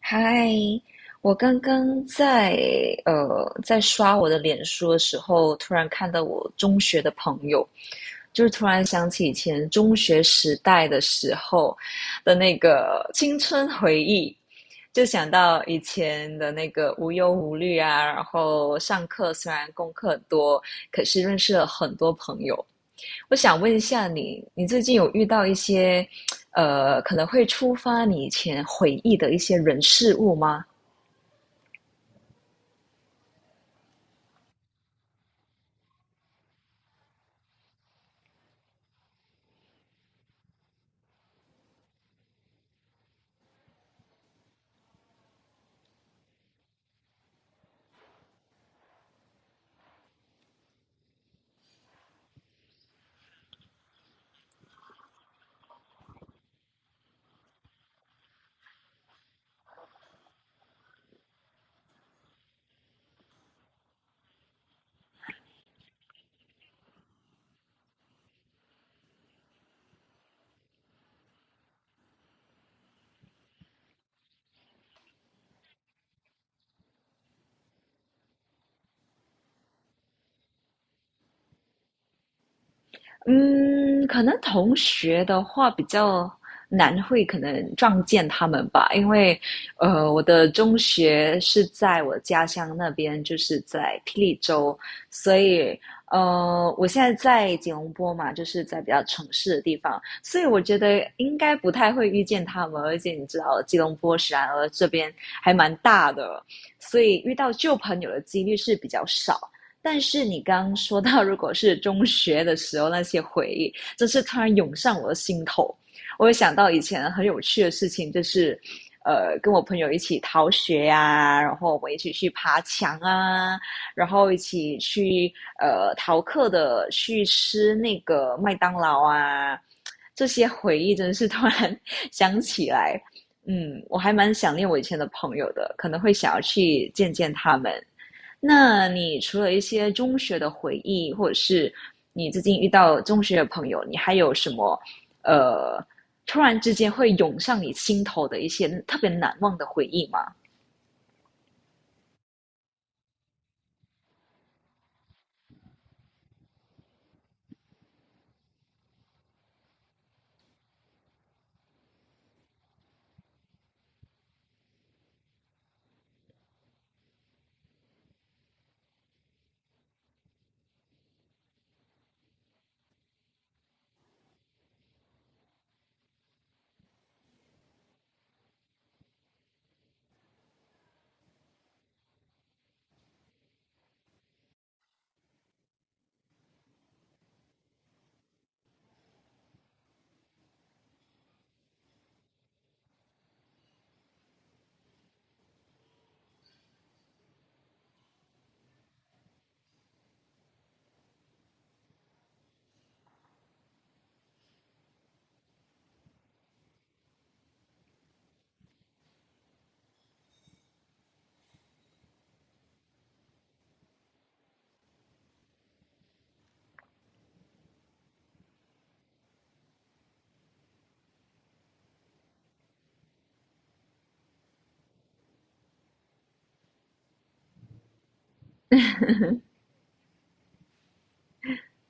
嗨，我刚刚在刷我的脸书的时候，突然看到我中学的朋友，就是突然想起以前中学时代的时候的那个青春回忆，就想到以前的那个无忧无虑啊，然后上课虽然功课很多，可是认识了很多朋友。我想问一下你，你最近有遇到一些，可能会触发你以前回忆的一些人事物吗？嗯，可能同学的话比较难会可能撞见他们吧。因为我的中学是在我家乡那边，就是在霹雳州，所以我现在在吉隆坡嘛，就是在比较城市的地方，所以我觉得应该不太会遇见他们。而且你知道吉隆坡然而这边还蛮大的，所以遇到旧朋友的几率是比较少。但是你刚刚说到，如果是中学的时候那些回忆，真是突然涌上我的心头。我有想到以前很有趣的事情，就是跟我朋友一起逃学呀、然后我们一起去爬墙啊，然后一起去逃课的去吃那个麦当劳啊，这些回忆真是突然 想起来。嗯，我还蛮想念我以前的朋友的，可能会想要去见见他们。那你除了一些中学的回忆，或者是你最近遇到中学的朋友，你还有什么呃，突然之间会涌上你心头的一些特别难忘的回忆吗？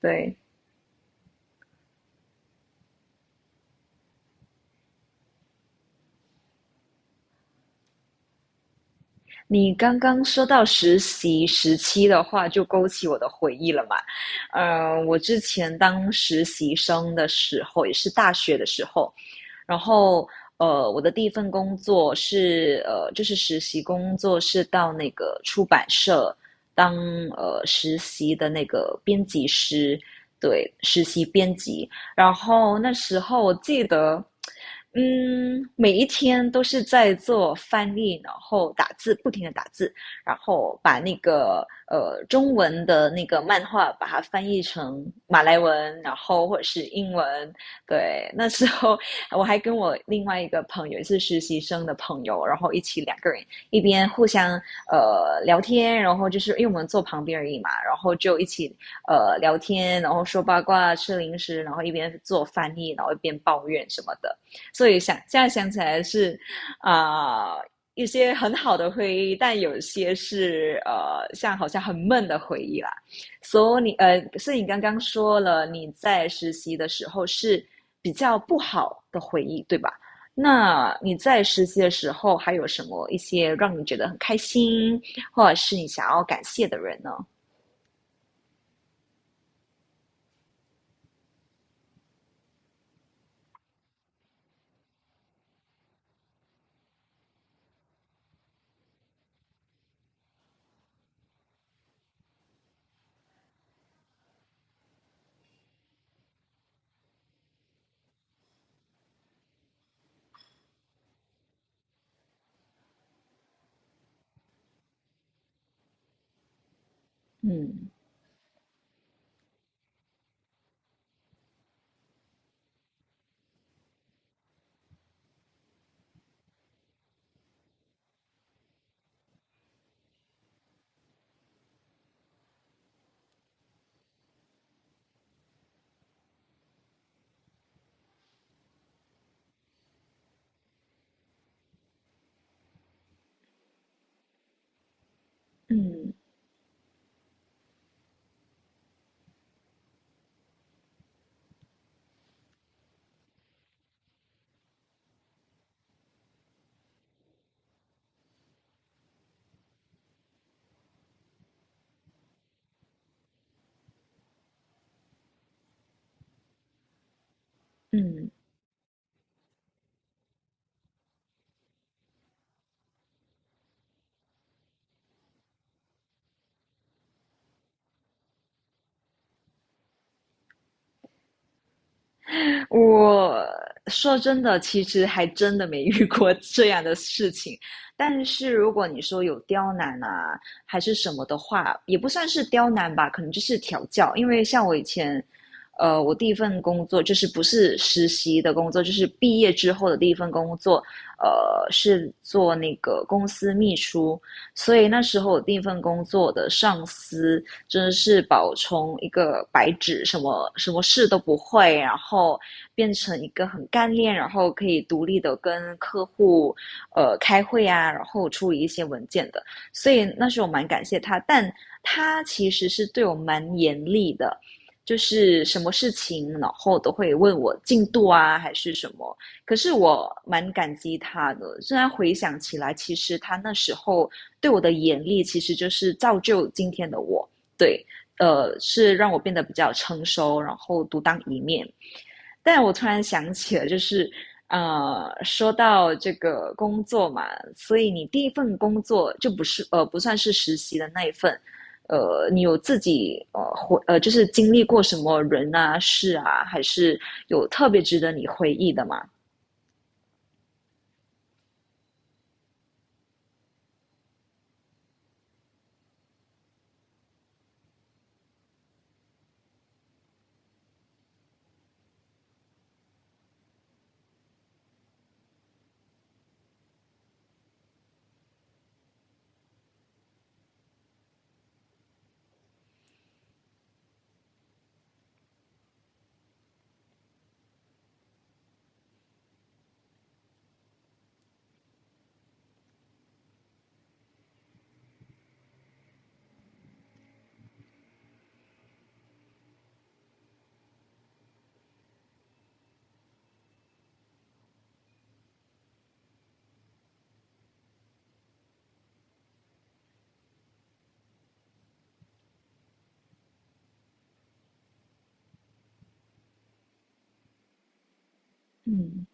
对，你刚刚说到实习时期的话，就勾起我的回忆了嘛。我之前当实习生的时候，也是大学的时候，然后我的第一份工作是就是实习工作，是到那个出版社当实习的那个编辑师。对，实习编辑。然后那时候我记得，嗯，每一天都是在做翻译，然后打字，不停的打字，然后把那个中文的那个漫画把它翻译成马来文，然后或者是英文。对，那时候我还跟我另外一个朋友，也是实习生的朋友，然后一起两个人一边互相聊天。然后就是因为我们坐旁边而已嘛，然后就一起聊天，然后说八卦、吃零食，然后一边做翻译，然后一边抱怨什么的。所以想现在想起来是啊、呃一些很好的回忆，但有些是像好像很闷的回忆啦。所以你是你刚刚说了你在实习的时候是比较不好的回忆，对吧？那你在实习的时候还有什么一些让你觉得很开心，或者是你想要感谢的人呢？嗯嗯嗯，我说真的，其实还真的没遇过这样的事情。但是如果你说有刁难啊，还是什么的话，也不算是刁难吧，可能就是调教。因为像我以前，我第一份工作就是不是实习的工作，就是毕业之后的第一份工作，是做那个公司秘书。所以那时候我第一份工作的上司，真的是宝从一个白纸，什么什么事都不会，然后变成一个很干练，然后可以独立的跟客户开会啊，然后处理一些文件的。所以那时候蛮感谢他，但他其实是对我蛮严厉的。就是什么事情，然后都会问我进度啊，还是什么。可是我蛮感激他的，虽然回想起来，其实他那时候对我的严厉，其实就是造就今天的我。对，是让我变得比较成熟，然后独当一面。但我突然想起了，就是说到这个工作嘛，所以你第一份工作就不算是实习的那一份。你有自己呃回呃就是经历过什么人啊事啊，还是有特别值得你回忆的吗？嗯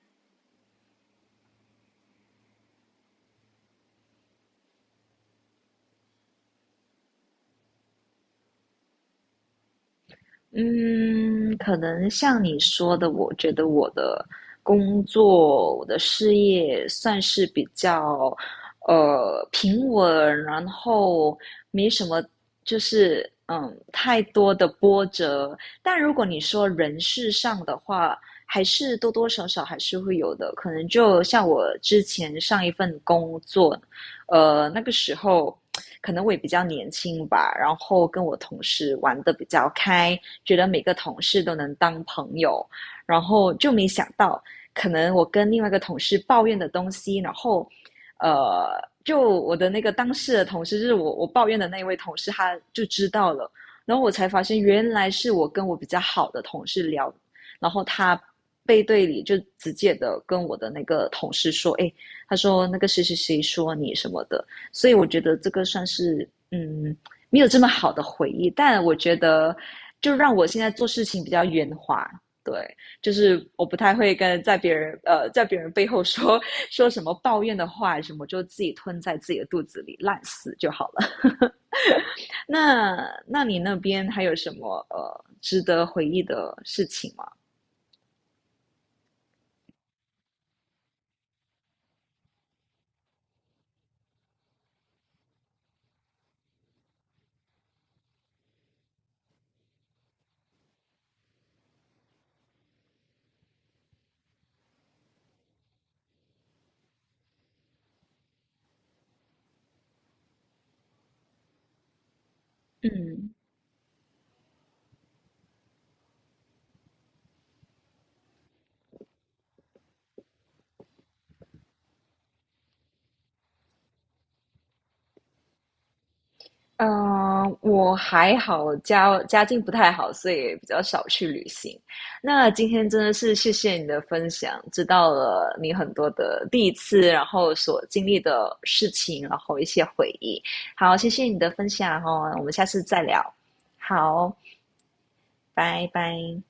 嗯，可能像你说的，我觉得我的工作、我的事业算是比较平稳，然后没什么，就是嗯太多的波折。但如果你说人事上的话，还是多多少少还是会有的。可能就像我之前上一份工作，那个时候。可能我也比较年轻吧，然后跟我同事玩的比较开，觉得每个同事都能当朋友，然后就没想到，可能我跟另外一个同事抱怨的东西，然后，呃，就我的那个当事的同事，就是我抱怨的那位同事，他就知道了。然后我才发现原来是我跟我比较好的同事聊，然后他。背对里就直接的跟我的那个同事说，哎，他说那个谁谁谁说你什么的。所以我觉得这个算是嗯没有这么好的回忆，但我觉得就让我现在做事情比较圆滑。对，就是我不太会跟在别人背后说说什么抱怨的话什么，就自己吞在自己的肚子里烂死就好了。那那你那边还有什么值得回忆的事情吗？嗯，嗯，我还好，家家境不太好，所以也比较少去旅行。那今天真的是谢谢你的分享，知道了你很多的第一次，然后所经历的事情，然后一些回忆。好，谢谢你的分享哦，我们下次再聊。好，拜拜。